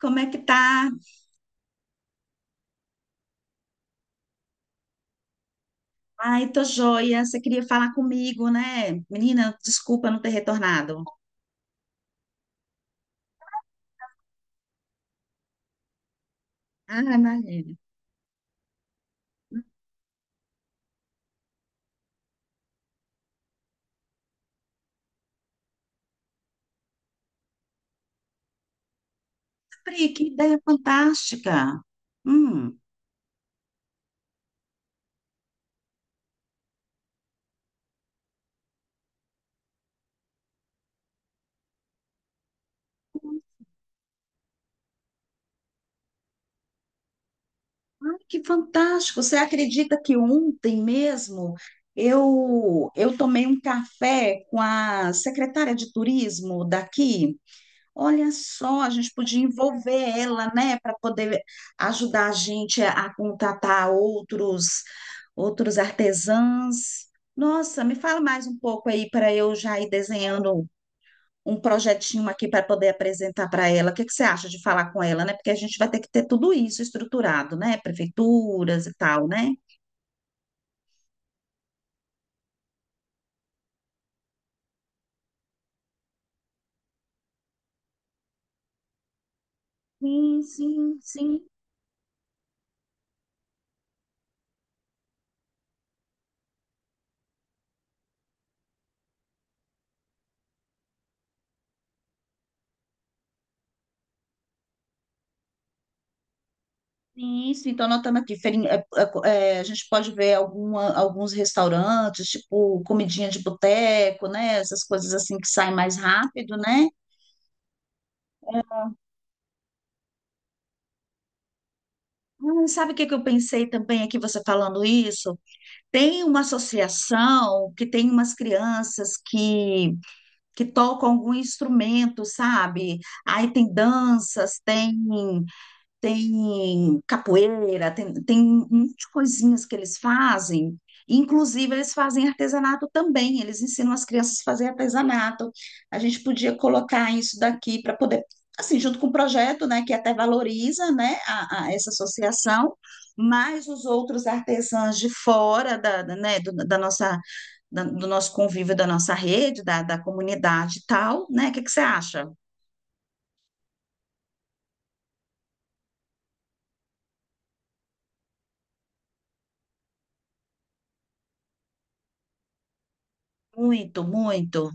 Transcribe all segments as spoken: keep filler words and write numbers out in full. Como é que tá? Ai, tô joia. Você queria falar comigo, né? Menina, desculpa não ter retornado. Ah, imagina. Pri, que ideia fantástica. Hum, ai, que fantástico. Você acredita que ontem mesmo eu eu tomei um café com a secretária de turismo daqui? Olha só, a gente podia envolver ela, né, para poder ajudar a gente a, a contratar outros outros artesãos. Nossa, me fala mais um pouco aí para eu já ir desenhando um projetinho aqui para poder apresentar para ela. O que que você acha de falar com ela, né? Porque a gente vai ter que ter tudo isso estruturado, né? Prefeituras e tal, né? Sim, sim, sim. Isso, então anotando aqui, feirinha- é, é, co- é, a gente pode ver alguma- alguns restaurantes, tipo comidinha de boteco, né? Essas coisas assim que saem mais rápido, né? Hum, sabe o que que eu pensei também aqui, você falando isso? Tem uma associação que tem umas crianças que, que tocam algum instrumento, sabe? Aí tem danças, tem. Tem capoeira, tem, tem um monte de coisinhas que eles fazem. Inclusive, eles fazem artesanato também, eles ensinam as crianças a fazer artesanato. A gente podia colocar isso daqui para poder, assim, junto com o projeto, né, que até valoriza, né, a, a essa associação, mas os outros artesãos de fora da, da, né, do, da nossa, da- do nosso convívio, da nossa rede, da, da comunidade e tal, né? O que que você acha? Muito, muito.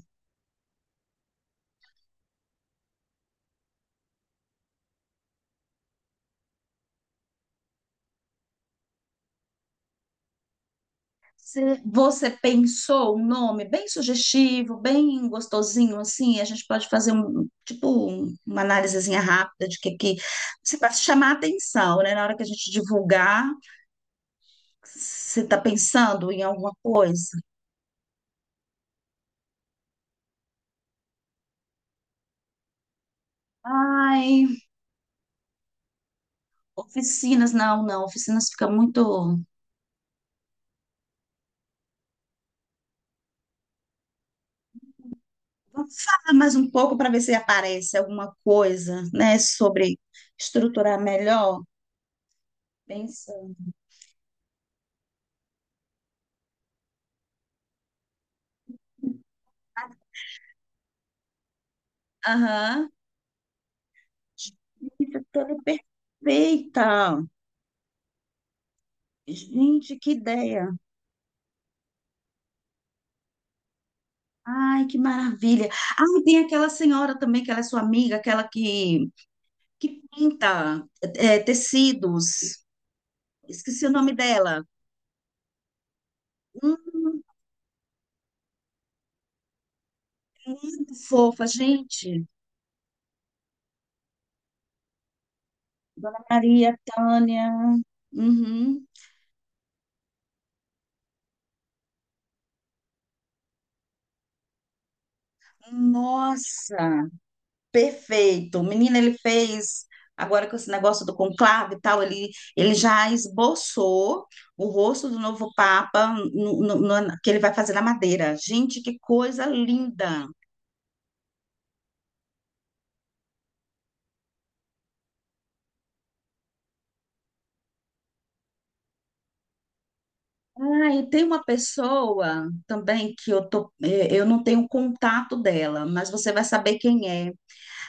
Você você pensou um nome bem sugestivo, bem gostosinho, assim, a gente pode fazer um, tipo, um- uma análisezinha rápida de que, que você para chamar a atenção, né? Na hora que a gente divulgar, você está pensando em alguma coisa? Ai, oficinas, não, não, oficinas fica muito. Vamos falar mais um pouco para ver se aparece alguma coisa, né, sobre estruturar melhor. Pensa. Aham. Gente, tá toda perfeita. Gente, que ideia! Ai, que maravilha! Ah, e tem aquela senhora também, que ela é sua amiga, aquela que, que pinta é, tecidos. Esqueci o nome dela. Hum, fofa, gente. Maria Tânia. Uhum. Nossa! Perfeito. Menina, ele fez, agora com esse negócio do conclave e tal, ele, ele já esboçou o rosto do novo Papa no, no- no- que ele vai fazer na Madeira. Gente, que coisa linda! Ah, e tem uma pessoa também que eu tô, eh, eu não tenho contato dela, mas você vai saber quem é.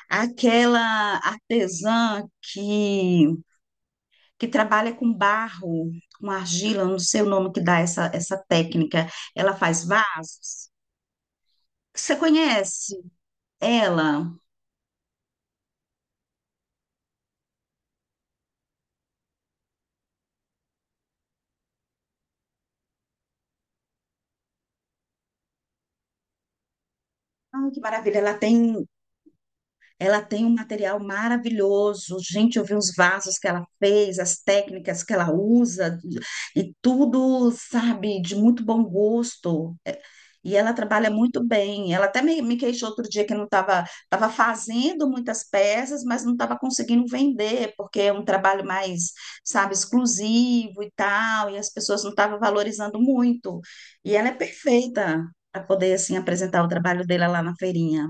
Aquela artesã que, que trabalha com barro, com argila, não sei o nome que dá essa, essa técnica. Ela faz vasos. Você conhece ela? Ah, que maravilha! Ela tem Ela tem um material maravilhoso. Gente, eu vi uns vasos que ela fez, as técnicas que ela usa, e tudo, sabe, de muito bom gosto. É, e ela trabalha muito bem. Ela até me, me queixou outro dia que não estava estava fazendo muitas peças, mas não estava conseguindo vender, porque é um trabalho mais, sabe, exclusivo e tal, e as pessoas não estavam valorizando muito. E ela é perfeita para poder, assim, apresentar o trabalho dela lá na feirinha.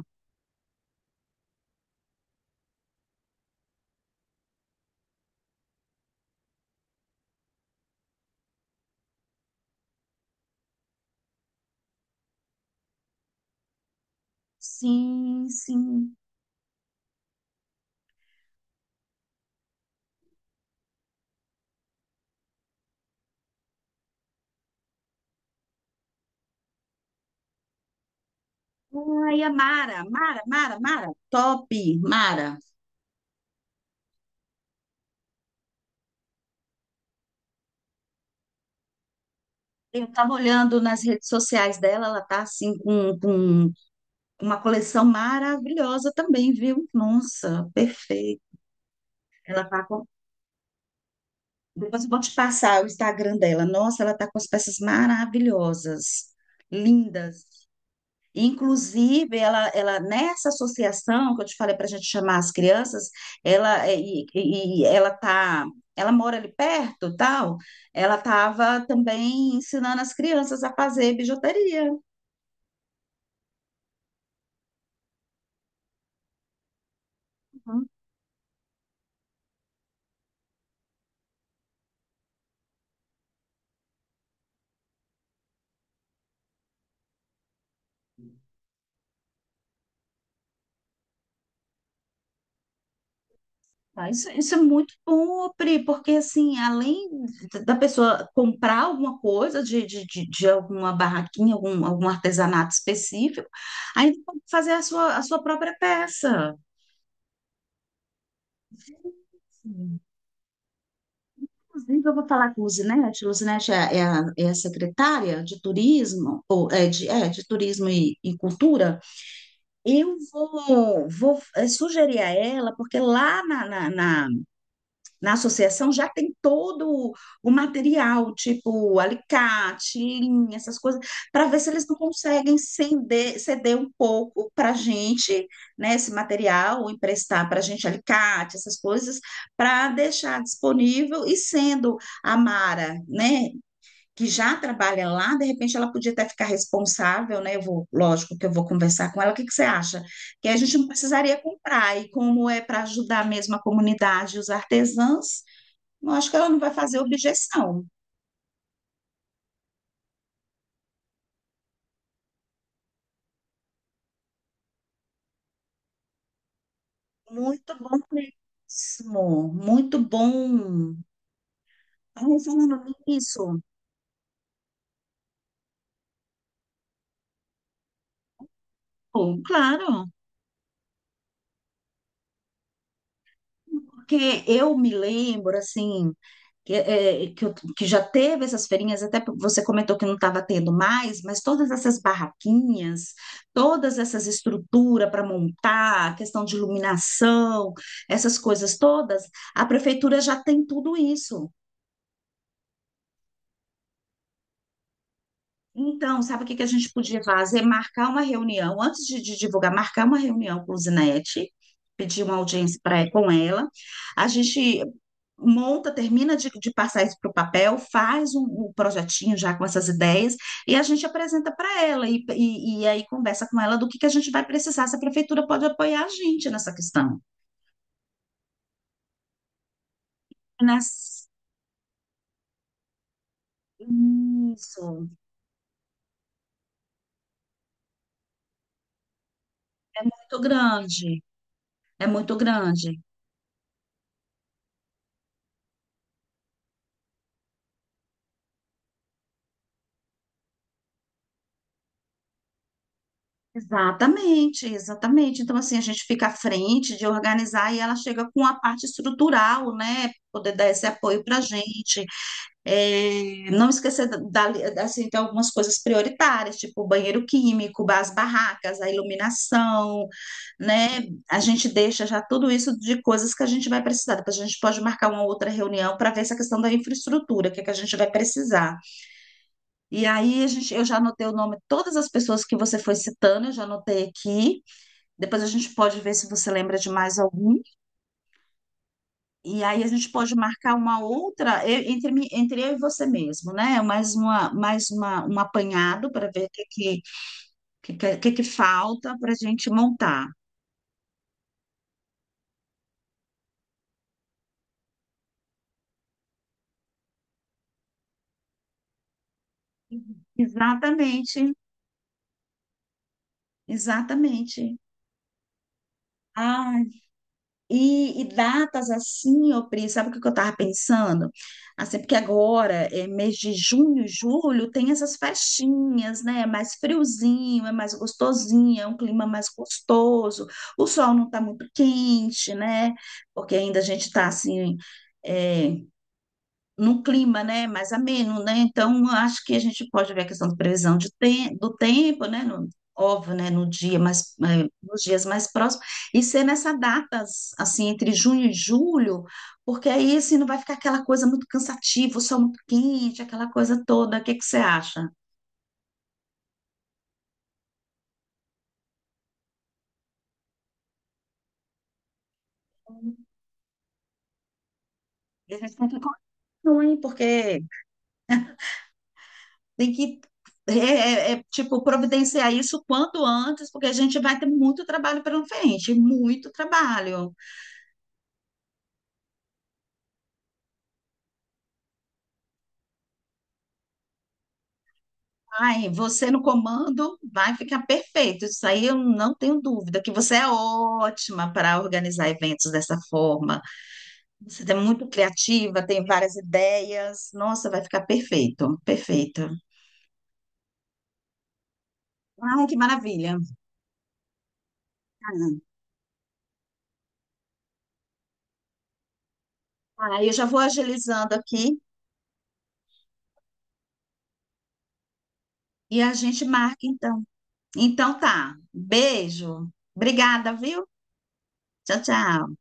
Sim, sim. Ai, a Mara, Mara, Mara, Mara, top, Mara. Eu estava olhando nas redes sociais dela, ela tá assim com, com uma coleção maravilhosa também, viu? Nossa, perfeito. Ela tá com... Depois eu vou te passar o Instagram dela. Nossa, ela tá com as peças maravilhosas, lindas. Inclusive, ela, ela nessa associação que eu te falei para a gente chamar as crianças, ela é, e, e- e ela tá, ela mora ali perto, tal. Ela estava também ensinando as crianças a fazer bijuteria. Uhum. Tá, Isso, isso é muito bom, Pri, porque assim, além d- da pessoa comprar alguma coisa de, de, de, de alguma barraquinha, algum, algum artesanato específico, ainda pode fazer a sua, a sua própria peça. Inclusive, eu vou falar com o Luzinete. Luzinete é, é, a, é a secretária de turismo, ou é de, é, de turismo e, e cultura. Eu vou, vou é, sugerir a ela, porque lá na, na, na na associação já tem todo o material, tipo alicate, linha, essas coisas, para ver se eles não conseguem ceder, ceder um pouco para a gente, né, esse material, ou emprestar para a gente alicate, essas coisas, para deixar disponível. E sendo a Mara, né, que já trabalha lá, de repente ela podia até ficar responsável, né? Eu vou, lógico que eu vou conversar com ela. O que que você acha? Que a gente não precisaria comprar, e como é para ajudar mesmo a comunidade e os artesãos, eu acho que ela não vai fazer objeção. Muito bom mesmo. Muito bom. Ai, falando nisso. Pô, claro, porque eu me lembro, assim, que, é, que, eu- que já teve essas feirinhas, até você comentou que não estava tendo mais, mas todas essas barraquinhas, todas essas estruturas para montar, questão de iluminação, essas coisas todas, a prefeitura já tem tudo isso. Então, sabe o que que a gente podia fazer? Marcar uma reunião, antes de, de divulgar, marcar uma reunião com o Zinete, pedir uma audiência pra, com ela. A gente monta, termina de, de passar isso para o papel, faz um, um projetinho já com essas ideias e a gente apresenta para ela e, e, e aí conversa com ela do que que a gente vai precisar, se a prefeitura pode apoiar a gente nessa questão. Nas... Isso, é muito grande, é muito grande. Exatamente, exatamente. Então, assim, a gente fica à frente de organizar e ela chega com a parte estrutural, né? Poder dar esse apoio para a gente. É, não esquecer da, da- assim, de algumas coisas prioritárias, tipo o banheiro químico, as barracas, a iluminação, né? A gente deixa já tudo isso de coisas que a gente vai precisar. Depois a gente pode marcar uma outra reunião para ver essa questão da infraestrutura, o que é que a gente vai precisar. E aí, a gente, eu já anotei o nome de todas as pessoas que você foi citando, eu já anotei aqui. Depois a gente pode ver se você lembra de mais algum. E aí a gente pode marcar uma outra e- entre, mim- entre eu e você mesmo, né? Mais uma, mais uma, um apanhado para ver o que, que, que, que, que que falta para a gente montar. Exatamente, exatamente. Ah, E, e datas assim, ô Pri, sabe o que que eu estava pensando? Assim, porque agora, é, mês de junho, julho, tem essas festinhas, né? É mais friozinho, é mais gostosinho, é um clima mais gostoso, o sol não está muito quente, né? Porque ainda a gente está assim, eh, num clima, né, mais ameno, né? Então, acho que a gente pode ver a questão da previsão de tem- do tempo, né? no- óbvio, né? No dia mais, eh, nos dias mais próximos, e ser nessa datas, assim, entre junho e julho, porque aí, assim, não vai ficar aquela coisa muito cansativa, o sol muito quente, aquela coisa toda. O que que você acha? E a gente tem que continuar, hein? Porque tem que, é, é- é, tipo, providenciar isso quanto antes, porque a gente vai ter muito trabalho pela frente, muito trabalho. Ai, você no comando vai ficar perfeito. Isso aí eu não tenho dúvida, que você é ótima para organizar eventos dessa forma. Você é muito criativa, tem várias ideias. Nossa, vai ficar perfeito, perfeito. Ai, que maravilha. Ah, eu já vou agilizando aqui e a gente marca então. Então tá. Beijo. Obrigada, viu? Tchau, tchau.